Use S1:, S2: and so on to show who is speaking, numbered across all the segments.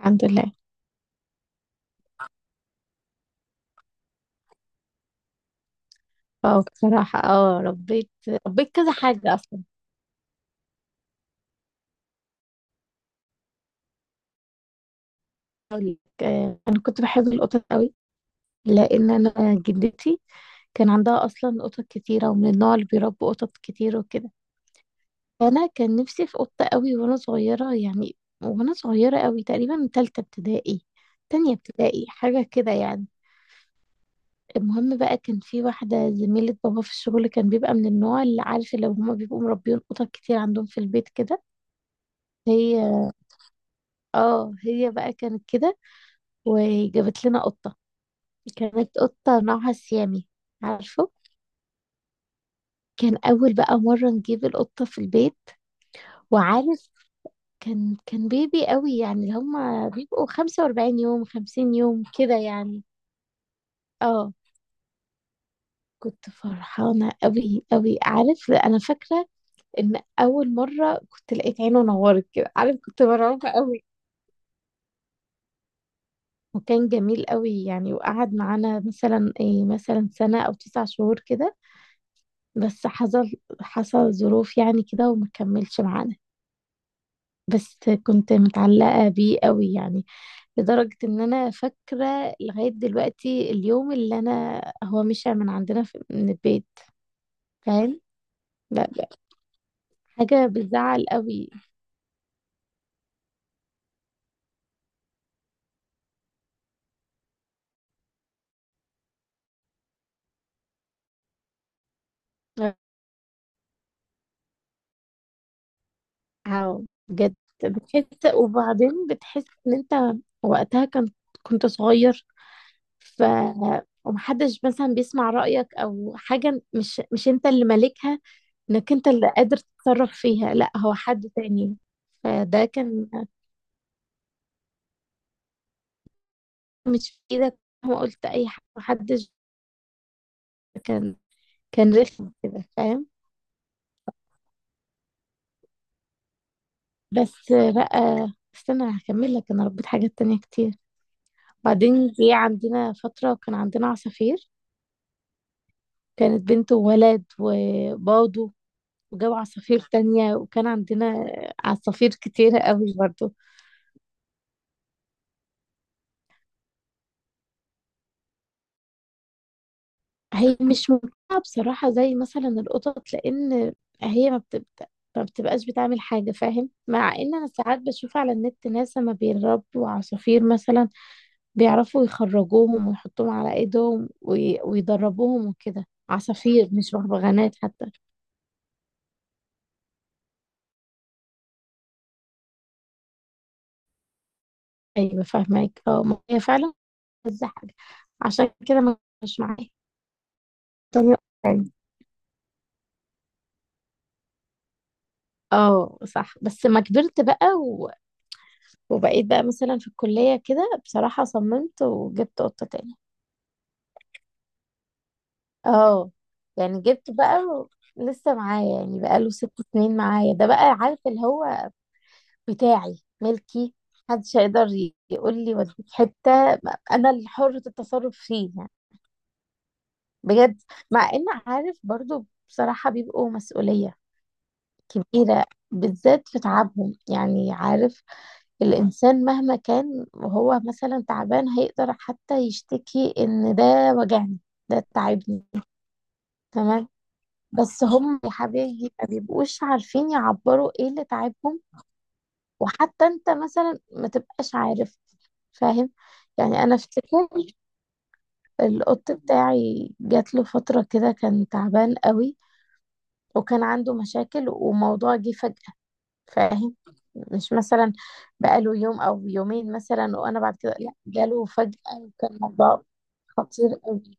S1: الحمد لله. اه بصراحة، ربيت كذا حاجة أصلا. أقول لك، أنا كنت بحب القطط قوي. لأن أنا جدتي كان عندها أصلا قطط كتيرة، ومن النوع اللي بيربوا قطط كتير وكده. أنا كان نفسي في قطة قوي وأنا صغيرة يعني، وأنا صغيرة قوي تقريبا من تالتة ابتدائي، تانية ابتدائي حاجة كده يعني. المهم بقى، كان في واحدة زميلة بابا في الشغل، كان بيبقى من النوع اللي، عارف، لو هما بيبقوا مربيين قطط كتير عندهم في البيت كده. هي اه هي بقى كانت كده، وجابت لنا قطة. كانت قطة نوعها سيامي، عارفه. كان أول بقى مرة نجيب القطة في البيت، وعارف، كان بيبي قوي يعني، اللي هما بيبقوا 45 يوم 50 يوم كده يعني. اه كنت فرحانة قوي قوي، عارف، أنا فاكرة إن أول مرة كنت لقيت عينه نورت كده، عارف كنت مرعوبة قوي. وكان جميل قوي يعني، وقعد معانا مثلا إيه، مثلا سنة أو تسع شهور كده. بس حصل ظروف يعني كده، وما كملش معانا. بس كنت متعلقة بيه قوي يعني، لدرجة ان انا فاكرة لغاية دلوقتي اليوم اللي انا هو مشى من عندنا في من البيت، فاهم؟ لا، لا، حاجة بتزعل قوي. أو بجد، بتحس، وبعدين بتحس ان انت وقتها كنت صغير، ف ومحدش مثلا بيسمع رأيك او حاجة، مش انت اللي مالكها، انك انت اللي قادر تتصرف فيها، لا هو حد تاني. فده كان مش في ايدك، ما قلت اي حاجه، محدش كان كان رخم كده، فاهم؟ بس بقى استنى هكمل لك، انا ربيت حاجات تانية كتير. بعدين جه عندنا فتره كان عندنا عصافير، كانت بنت وولد وباضوا وجابوا عصافير تانية، وكان عندنا عصافير كتيرة قوي برضه. هي مش ممتعة بصراحة زي مثلا القطط، لأن هي ما بتبدأ، ما بتبقاش بتعمل حاجة، فاهم؟ مع إن أنا ساعات بشوف على النت ناس لما بيربوا عصافير مثلا بيعرفوا يخرجوهم ويحطوهم على إيدهم، ويدربوهم وكده، عصافير، مش بغبغانات حتى. أيوة، فاهمك، اه، ما هي فعلا عايزة حاجة، عشان كده ما مش معايا. طب- اه صح، بس ما كبرت بقى وبقيت بقى مثلا في الكلية كده، بصراحة صممت وجبت قطة تاني. اه، يعني جبته بقى لسه معايا يعني، بقاله ست سنين معايا ده بقى، عارف اللي هو بتاعي ملكي، محدش هيقدر يقول لي وديك حتة، انا اللي حرة التصرف فيه يعني. بجد، مع ان، عارف، برضو بصراحة بيبقوا مسؤولية كبيرة، بالذات في تعبهم، يعني عارف، الإنسان مهما كان وهو مثلا تعبان هيقدر حتى يشتكي إن ده وجعني، ده تعبني. تمام، بس هم يا حبيبي ما بيبقوش عارفين يعبروا ايه اللي تعبهم، وحتى انت مثلا ما تبقاش عارف، فاهم؟ يعني انا افتكر القط بتاعي جات له فترة كده كان تعبان قوي، وكان عنده مشاكل، وموضوع جه فجأة، فاهم؟ مش مثلا بقاله يوم او يومين مثلا، وانا بعد كده، لا، جاله فجأة، وكان موضوع خطير قوي.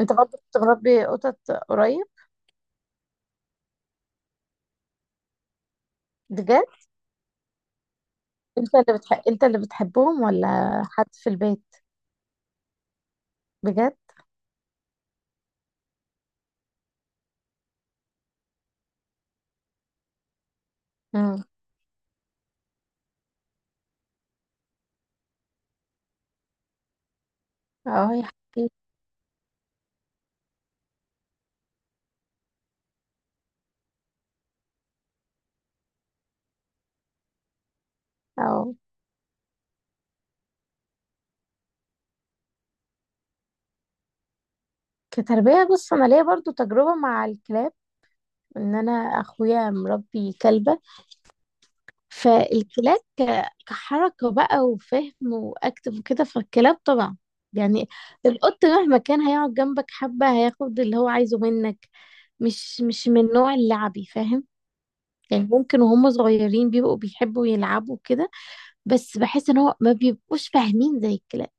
S1: انت برضه كنت مربي قطط قريب؟ بجد؟ انت اللي بتحبهم ولا حد في البيت؟ بجد؟ امم. اه يا حبيبي، اه. كتربية، بص، انا ليا برضو تجربة مع الكلاب، ان انا اخويا مربي كلبة. فالكلاب كحركة بقى وفهم واكتف وكده، فالكلاب طبعا يعني، القط مهما كان هيقعد جنبك حبة هياخد اللي هو عايزه منك، مش من النوع اللعبي، فاهم؟ يعني ممكن وهم صغيرين بيبقوا بيحبوا يلعبوا كده، بس بحس ان هو ما بيبقوش فاهمين زي الكلاب.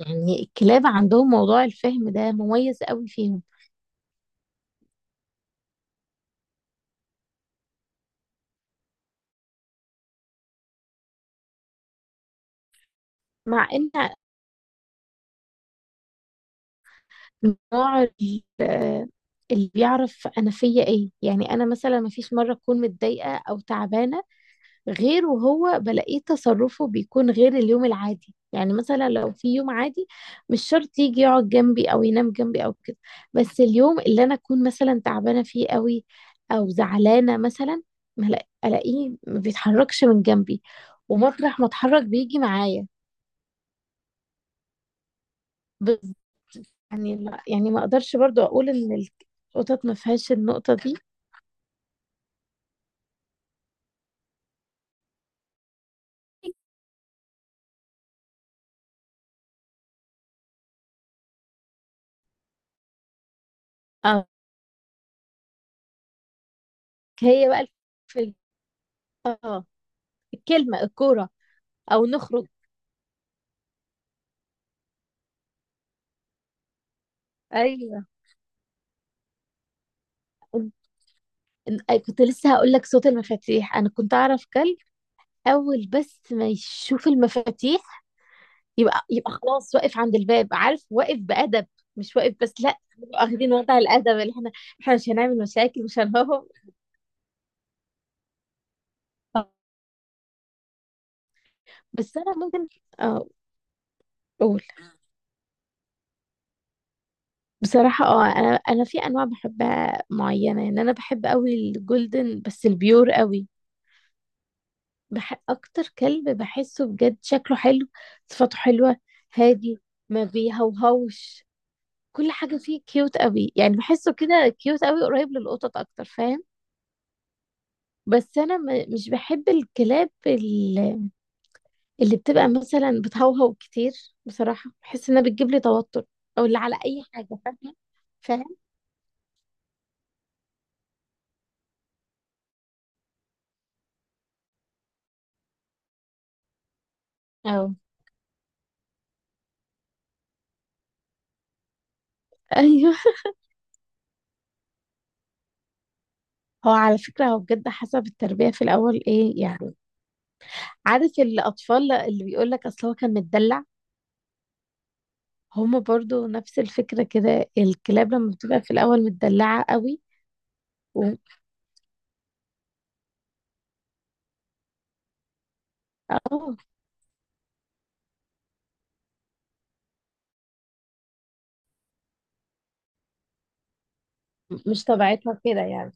S1: يعني الكلاب عندهم موضوع الفهم ده مميز قوي فيهم. مع ان نوع اللي بيعرف انا فيا ايه، يعني انا مثلا ما فيش مره اكون متضايقه او تعبانه غير وهو بلاقيه، تصرفه بيكون غير اليوم العادي. يعني مثلا لو في يوم عادي مش شرط يجي يقعد جنبي او ينام جنبي او كده، بس اليوم اللي انا اكون مثلا تعبانه فيه قوي، او زعلانه مثلا، ما لا- الاقيه ما بيتحركش من جنبي، ومطرح ما اتحرك بيجي معايا. بز... يعني لا، يعني ما اقدرش برضو اقول ان القطط ما فيهاش النقطة دي. اه، هي بقى، في اه الكلمة الكورة او نخرج. ايوه. إن- كنت لسه هقول لك صوت المفاتيح، انا كنت اعرف كلب، اول بس ما يشوف المفاتيح يبقى خلاص، واقف عند الباب، عارف، واقف بأدب. مش واقف بس، لا، نبقى واخدين وضع الأدب، اللي احنا، احنا مش هنعمل مشاكل، مش هنهرب. بس انا ممكن، اه، قول. بصراحة، انا في انواع بحبها معينة، يعني انا بحب قوي الجولدن بس البيور قوي. اكتر كلب بحسه بجد شكله حلو، صفاته حلوة، هادي، ما بيهوهوش، كل حاجة فيه كيوت قوي، يعني بحسه كده كيوت قوي، قريب للقطط اكتر، فاهم؟ بس انا مش بحب الكلاب اللي بتبقى مثلا بتهوهو كتير، بصراحة بحس انها بتجيب لي توتر، او اللي على اي حاجة، فاهمة؟ فاهم، اه. ايوه. هو على فكرة هو بجد حسب التربية في الأول إيه يعني، عارف الأطفال اللي بيقول لك أصل هو كان متدلع، هما برضو نفس الفكرة كده، الكلاب لما بتبقى في الأول متدلعة قوي و... أو مش طبيعتها كده يعني.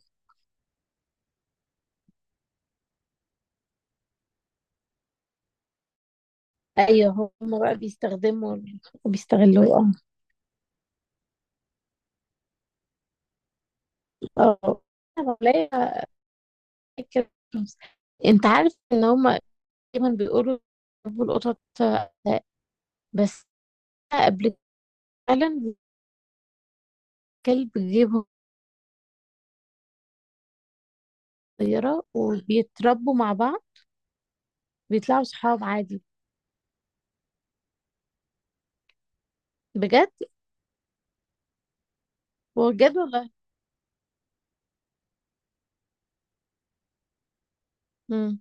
S1: أيوه، هما بقى بيستخدموا وبيستغلوه. أه، أه، ولا أكل فلوس. أنت عارف إن هما دايما بيقولوا بيحبوا القطط، بس قبل فعلا الكلب بيجيبهم صغيرة وبيتربوا مع بعض بيطلعوا صحاب عادي. بجد؟ بجد والله. امم،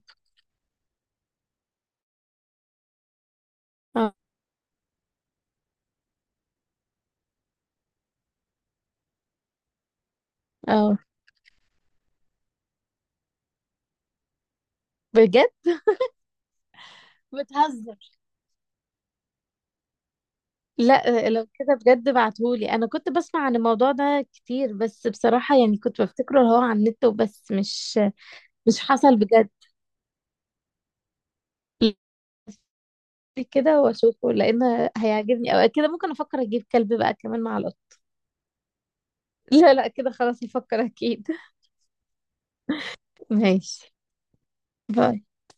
S1: اه، اه. بجد. بتهزر؟ لا، لو كده بجد بعتهولي، انا كنت بسمع عن الموضوع ده كتير بس بصراحة يعني كنت بفتكره اللي هو على النت وبس، مش حصل بجد. كده واشوفه، لان هيعجبني، او كده ممكن افكر اجيب كلب بقى كمان مع القطة. لا، لا، كده خلاص، افكر اكيد. ماشي. باي.